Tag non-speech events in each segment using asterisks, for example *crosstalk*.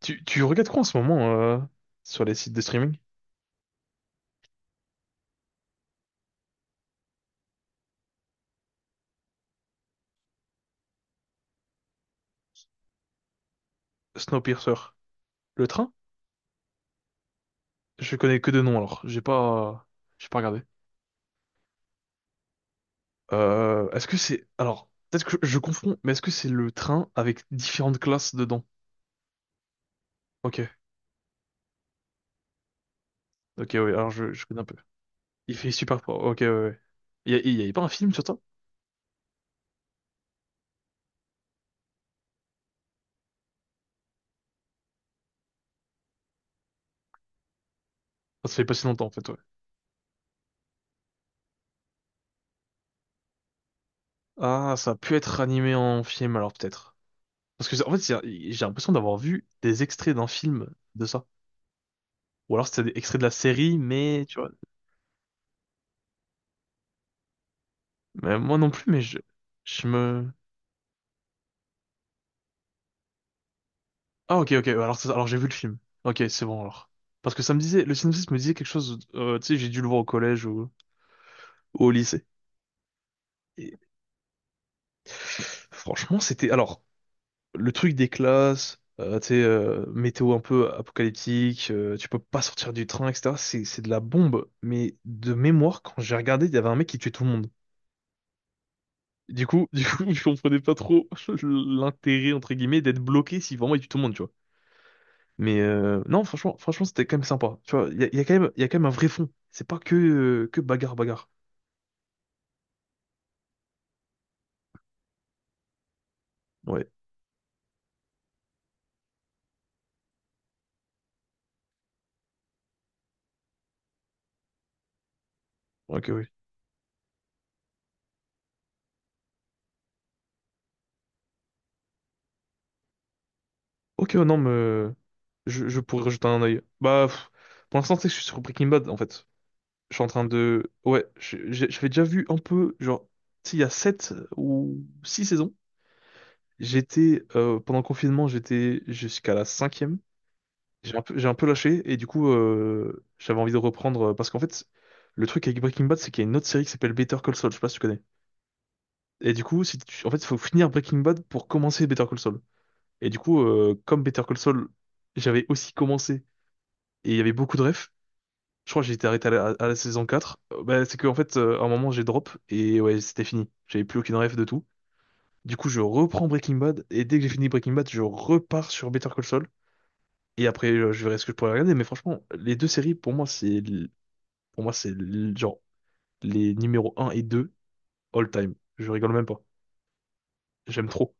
Tu regardes quoi en ce moment sur les sites de streaming? Snowpiercer. Le train? Je connais que de nom alors. J'ai pas regardé. Est-ce que c'est... Alors, peut-être que je confonds, mais est-ce que c'est le train avec différentes classes dedans? Ok. Ok, oui, alors je connais un peu. Il fait super froid. Ok, ouais, ouais. Il y avait pas un film sur ça? Ah, ça fait pas si longtemps en fait, ouais. Ah, ça a pu être animé en film alors peut-être. Parce que j'ai l'impression d'avoir vu des extraits d'un film de ça. Ou alors c'était des extraits de la série, mais tu vois. Mais moi non plus, mais je me... Ah, ok, ok, alors j'ai vu le film. Ok, c'est bon alors. Parce que ça me disait, le synopsis me disait quelque chose, tu sais, j'ai dû le voir au collège ou au lycée. Et franchement, c'était... Alors, le truc des classes, tu sais, météo un peu apocalyptique, tu peux pas sortir du train, etc. C'est de la bombe. Mais de mémoire, quand j'ai regardé, il y avait un mec qui tuait tout le monde. Du coup, *laughs* je comprenais pas trop *laughs* l'intérêt, entre guillemets, d'être bloqué si vraiment il tue tout le monde. Mais non, franchement, franchement, c'était quand même sympa. Tu vois, il y a quand même, il y a quand même un vrai fond. C'est pas que bagarre, bagarre. Ouais, ok, oui. Ok, ouais, non, mais je pourrais jeter un œil. Bah, pour l'instant, tu sais que je suis sur Breaking Bad, en fait. Je suis en train de... Ouais, j'avais déjà vu un peu, genre, tu sais, il y a 7 ou 6 saisons. Pendant le confinement, j'étais jusqu'à la cinquième. J'ai un peu lâché, et du coup, j'avais envie de reprendre, parce qu'en fait, le truc avec Breaking Bad, c'est qu'il y a une autre série qui s'appelle Better Call Saul, je sais pas si tu connais. Et du coup, si tu- en fait, il faut finir Breaking Bad pour commencer Better Call Saul. Et du coup, comme Better Call Saul, j'avais aussi commencé et il y avait beaucoup de refs. Je crois que j'ai été arrêté à la saison quatre. Bah, c'est que en fait, à un moment, j'ai drop et ouais, c'était fini. J'avais plus aucune ref de tout. Du coup, je reprends Breaking Bad et dès que j'ai fini Breaking Bad, je repars sur Better Call Saul. Et après, je verrai ce que je pourrais regarder. Mais franchement, les deux séries, pour moi, genre les numéros un et 2 all time. Je rigole même pas. J'aime trop.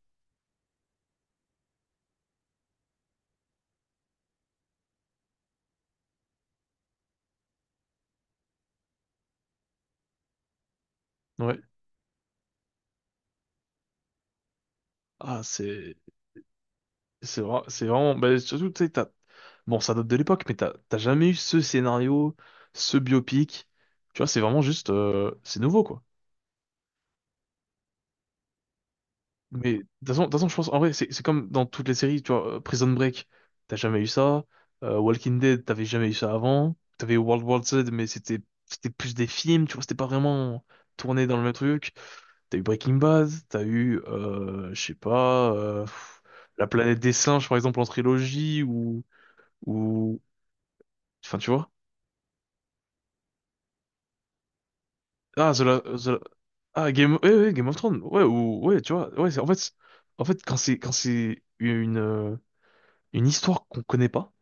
Ouais. Ah, C'est vrai, c'est vraiment. Bah, surtout, tu sais, bon, ça date de l'époque, mais t'as jamais eu ce scénario, ce biopic. Tu vois, c'est vraiment juste. C'est nouveau, quoi. Mais de toute façon, je pense, en vrai, c'est comme dans toutes les séries, tu vois, Prison Break, t'as jamais eu ça. Walking Dead, t'avais jamais eu ça avant. T'avais World War Z, mais c'était plus des films, tu vois, c'était pas vraiment tourné dans le même truc. T'as eu Breaking Bad, t'as eu, je sais pas, La planète des singes, par exemple, en trilogie, ou... Enfin, tu vois. Ah, Game... Ouais, ouais, Game of Thrones. Ouais, ouais, tu vois. Ouais, quand c'est une histoire qu'on connaît pas,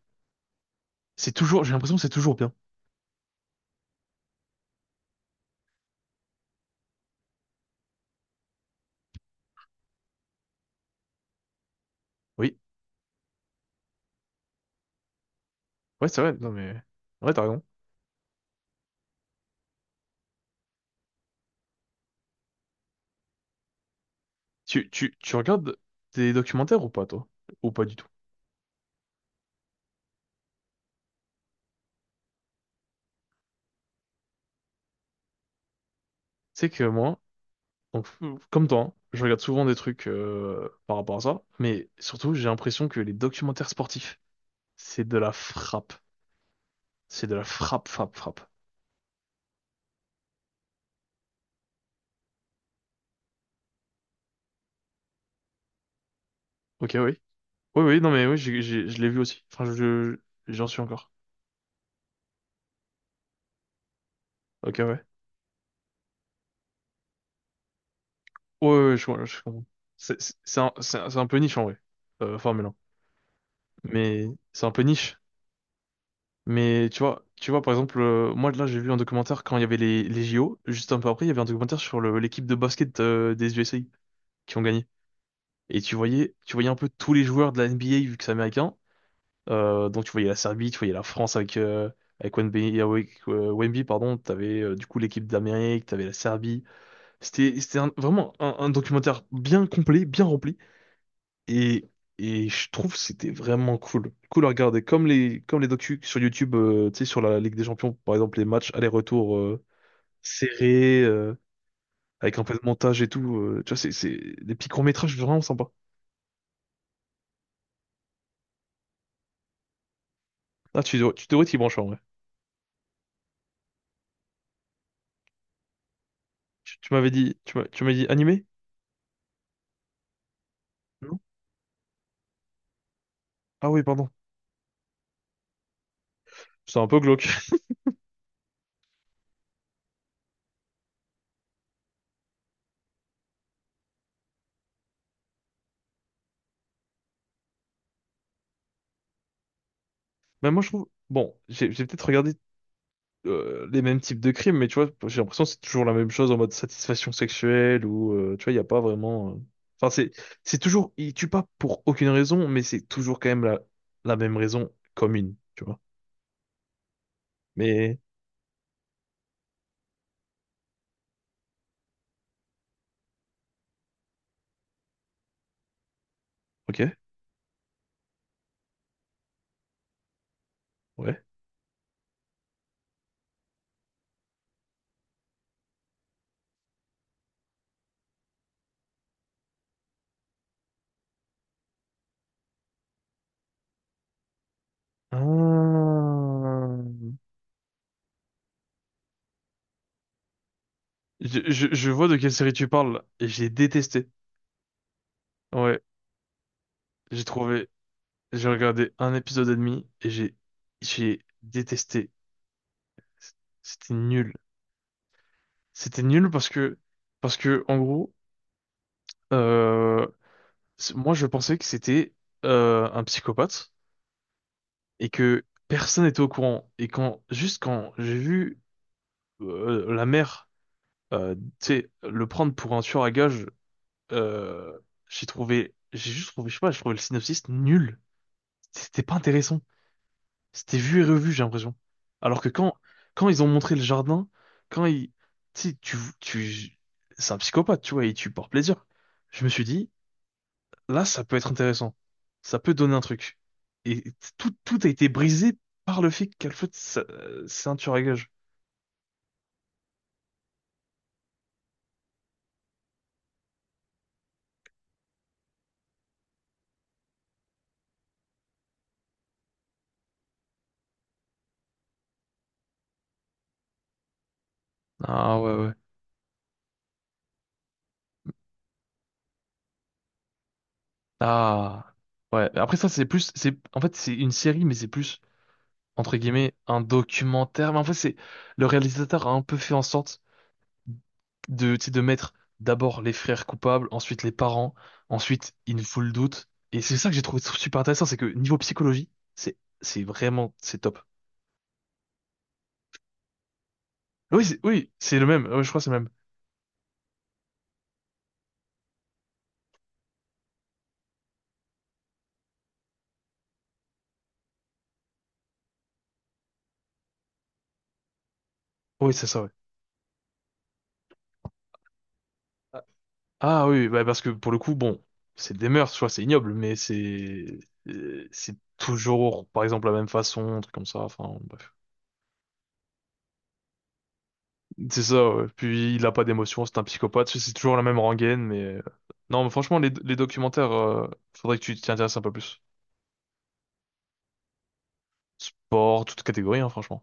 c'est toujours... J'ai l'impression que c'est toujours bien. Oui. Ouais, c'est vrai. Non, mais... Ouais, t'as raison. Tu regardes des documentaires ou pas, toi? Ou pas du tout? C'est que moi, donc, comme toi, hein, je regarde souvent des trucs par rapport à ça, mais surtout, j'ai l'impression que les documentaires sportifs, c'est de la frappe. C'est de la frappe, frappe, frappe. Ok, oui. Oui, oui, non, mais oui, je l'ai vu aussi. Enfin, j'en suis encore. Ok, ouais. Ouais, ouais, ouais, je comprends. C'est un peu niche, en vrai, Formule 1. Mais c'est un peu niche. Mais tu vois, par exemple, moi, là, j'ai vu un documentaire quand il y avait les JO. Juste un peu après, il y avait un documentaire l'équipe de basket des USA qui ont gagné. Et tu voyais un peu tous les joueurs de la NBA, vu que c'est américain. Donc, tu voyais la Serbie, tu voyais la France avec, avec Wemby, Wemby, pardon. T'avais, du coup, l'équipe d'Amérique, t'avais la Serbie. C'était vraiment un documentaire bien complet, bien rempli. Et, et je trouve que c'était vraiment cool. Cool à regarder. Comme les docus sur YouTube, tu sais, sur la Ligue des Champions, par exemple, les matchs aller-retour serrés, avec un peu de montage et tout. Tu vois, c'est des petits courts-métrages vraiment sympas. Ah, tu devrais t'y brancher en vrai. Tu m'as dit animé? Non? Ah oui, pardon. C'est un peu glauque. *laughs* Mais moi, je trouve. Bon, j'ai peut-être regardé les mêmes types de crimes, mais tu vois, j'ai l'impression que c'est toujours la même chose en mode satisfaction sexuelle ou tu vois, il n'y a pas vraiment. Enfin, c'est toujours, ils tuent pas pour aucune raison, mais c'est toujours quand même la même raison commune, tu vois. Mais ok, ouais. Ah. Je vois de quelle série tu parles et j'ai détesté. Ouais, j'ai trouvé, j'ai regardé un épisode et demi et j'ai détesté. C'était nul. C'était nul parce que en gros. Euh, moi, je pensais que c'était un psychopathe et que personne n'était au courant. Et quand, juste quand j'ai vu la mère, tu sais, le prendre pour un tueur à gages, euh, j'ai trouvé, j'ai juste trouvé, je sais pas, j'ai trouvé le synopsis nul. C'était pas intéressant. C'était vu et revu, j'ai l'impression. Alors que quand ils ont montré le jardin, quand ils, tu sais, c'est un psychopathe, tu vois, il tue par plaisir. Je me suis dit, là, ça peut être intéressant. Ça peut donner un truc. Et tout a été brisé par le fait qu'elle fasse c'est un tueur à gage. Ah ouais, ouais. Ah ouais. Après ça, en fait, c'est une série, mais c'est plus, entre guillemets, un documentaire. Mais en fait, le réalisateur a un peu fait en sorte tu sais, de mettre d'abord les frères coupables, ensuite les parents, ensuite il nous faut le doute. Et c'est ça que j'ai trouvé super intéressant, c'est que niveau psychologie, c'est vraiment, c'est top. Oui, c'est le même. Ouais, je crois que c'est le même. Oui, c'est ça, ouais. Ah oui, bah parce que pour le coup, bon, c'est des mœurs, tu vois, c'est ignoble, mais c'est toujours, par exemple, la même façon, un truc comme ça, enfin, bref. C'est ça, ouais. Puis il a pas d'émotion, c'est un psychopathe, c'est toujours la même rengaine, mais... Non, mais franchement, les documentaires, faudrait que tu t'y intéresses un peu plus. Sport, toute catégorie, hein, franchement.